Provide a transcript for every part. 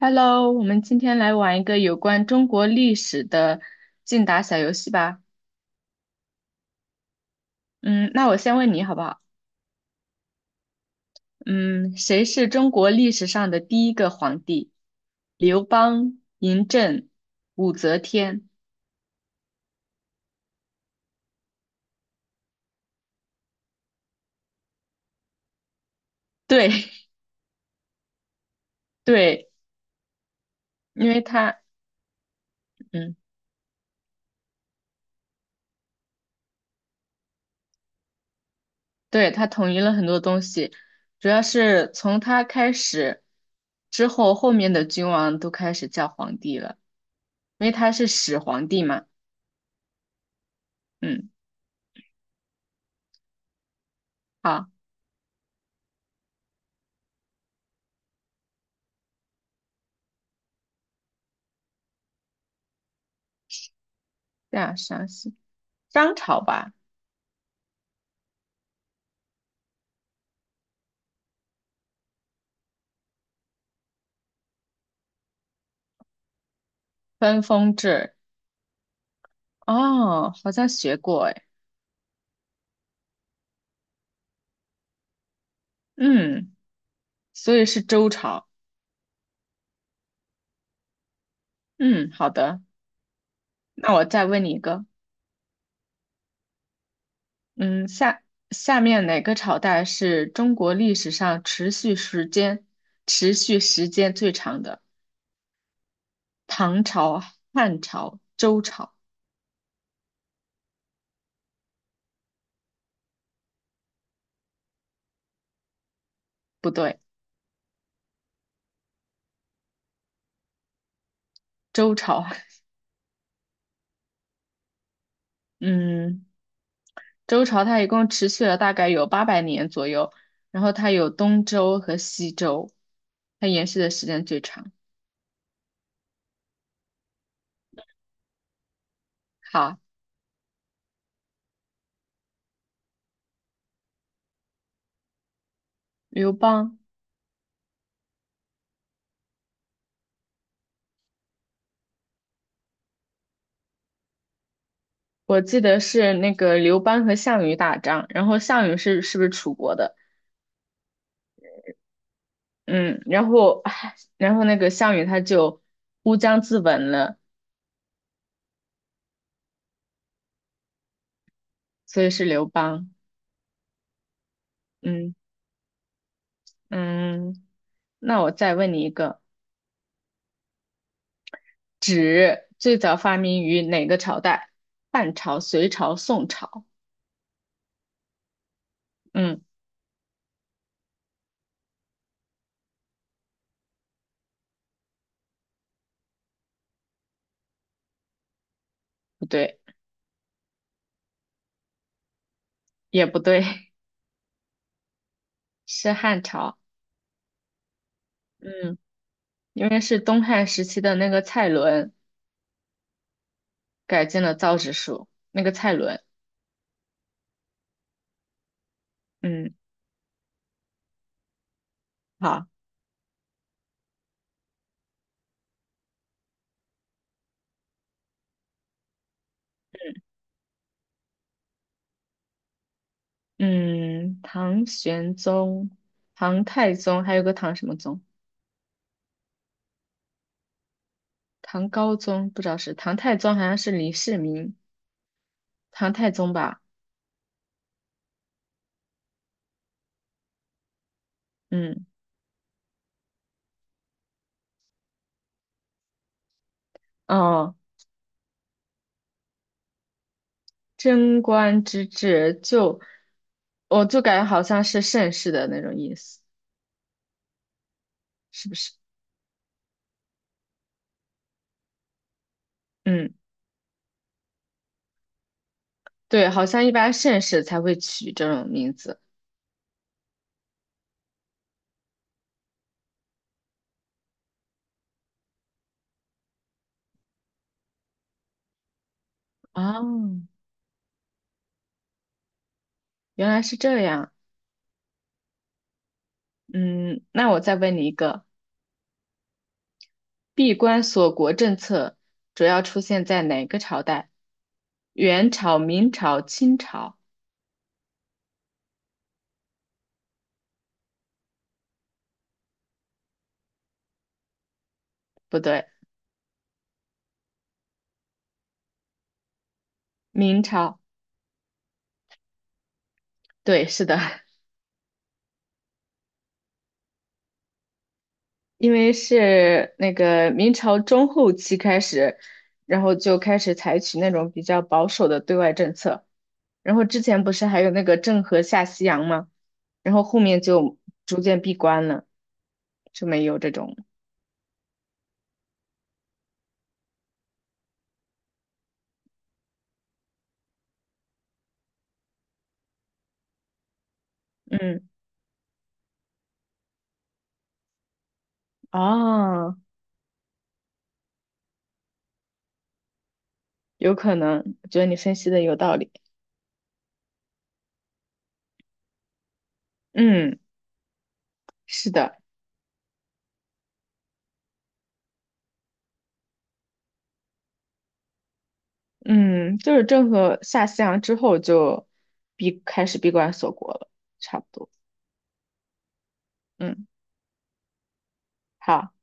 Hello，我们今天来玩一个有关中国历史的竞答小游戏吧。嗯，那我先问你好不好？嗯，谁是中国历史上的第一个皇帝？刘邦、嬴政、武则天。对， 对，因为他，嗯，对，他统一了很多东西，主要是从他开始之后，后面的君王都开始叫皇帝了，因为他是始皇帝嘛。嗯，好，这样详细，商朝吧。分封制，哦，好像学过哎，嗯，所以是周朝，嗯，好的，那我再问你一个，嗯，下下面哪个朝代是中国历史上持续时间最长的？唐朝、汉朝、周朝？不对，周朝，嗯，周朝它一共持续了大概有800年左右，然后它有东周和西周，它延续的时间最长。好，刘邦。我记得是那个刘邦和项羽打仗，然后项羽是不是楚国的？嗯，然后那个项羽他就乌江自刎了，所以是刘邦。嗯嗯，那我再问你一个，纸最早发明于哪个朝代？汉朝、隋朝、宋朝？嗯，不对，也不对，是汉朝。嗯，因为是东汉时期的那个蔡伦改进了造纸术，那个蔡伦。嗯。好。嗯，唐玄宗、唐太宗，还有个唐什么宗？唐高宗不知道是唐太宗，好像是李世民，唐太宗吧？嗯，哦，贞观之治就，我就感觉好像是盛世的那种意思，是不是？嗯，对，好像一般盛世才会取这种名字。哦，原来是这样。嗯，那我再问你一个。闭关锁国政策主要出现在哪个朝代？元朝、明朝、清朝？不对，明朝。对，是的，因为是那个明朝中后期开始，然后就开始采取那种比较保守的对外政策。然后之前不是还有那个郑和下西洋吗？然后后面就逐渐闭关了，就没有这种。嗯，哦，有可能，我觉得你分析的有道理。嗯，是的。嗯，就是郑和下西洋之后就开始闭关锁国了，差不多。嗯，好，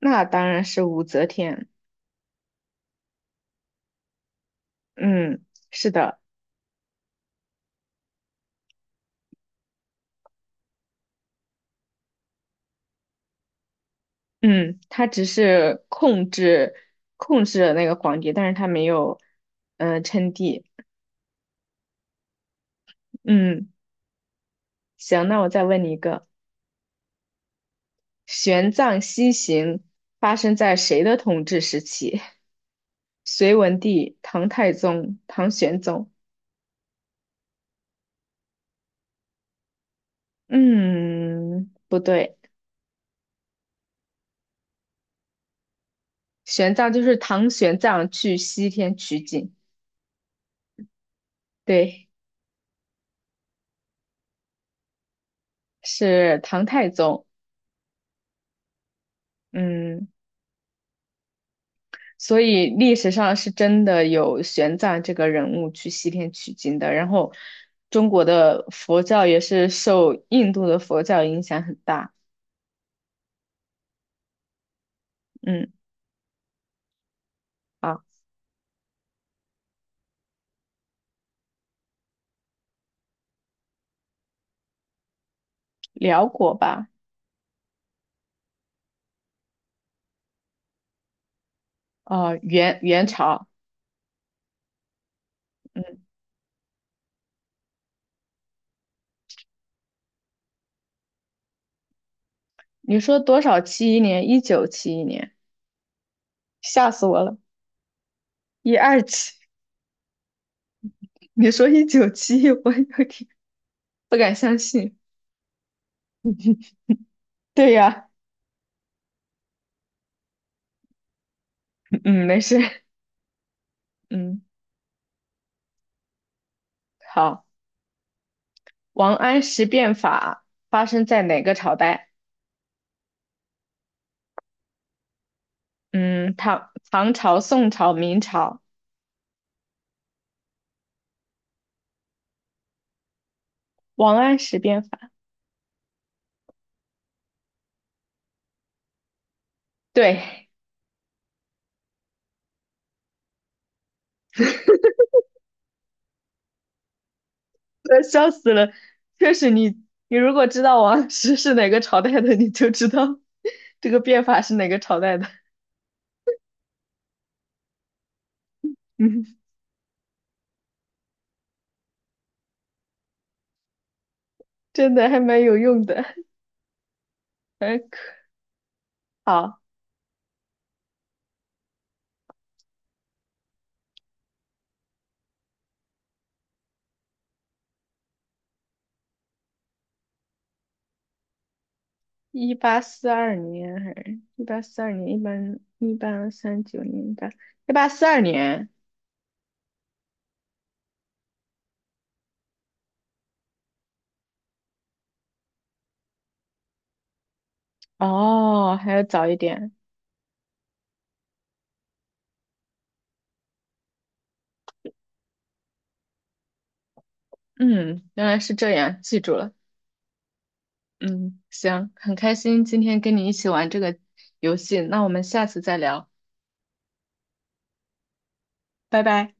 那当然是武则天。嗯，是的，嗯，他只是控制了那个皇帝，但是他没有称帝。嗯，行，那我再问你一个，玄奘西行发生在谁的统治时期？隋文帝、唐太宗、唐玄宗。嗯，不对。玄奘就是唐玄奘去西天取经，对，是唐太宗。嗯，所以历史上是真的有玄奘这个人物去西天取经的。然后，中国的佛教也是受印度的佛教影响很大。嗯，啊，辽国吧，啊，元朝。嗯，你说多少七一年？1971年，吓死我了！127，你说一九七一，我有点不敢相信。对呀、嗯，没事。嗯，好。王安石变法发生在哪个朝代？嗯，唐朝、宋朝、明朝。王安石变法，对，笑死了。确实你如果知道王安石是哪个朝代的，你就知道这个变法是哪个朝代的。嗯，真的还蛮有用的。嗯，可好，一八四二年还是一八四二年？一八三九年，吧？一八四二年。哦，还要早一点。嗯，原来是这样，记住了。嗯，行，很开心今天跟你一起玩这个游戏，那我们下次再聊，拜拜。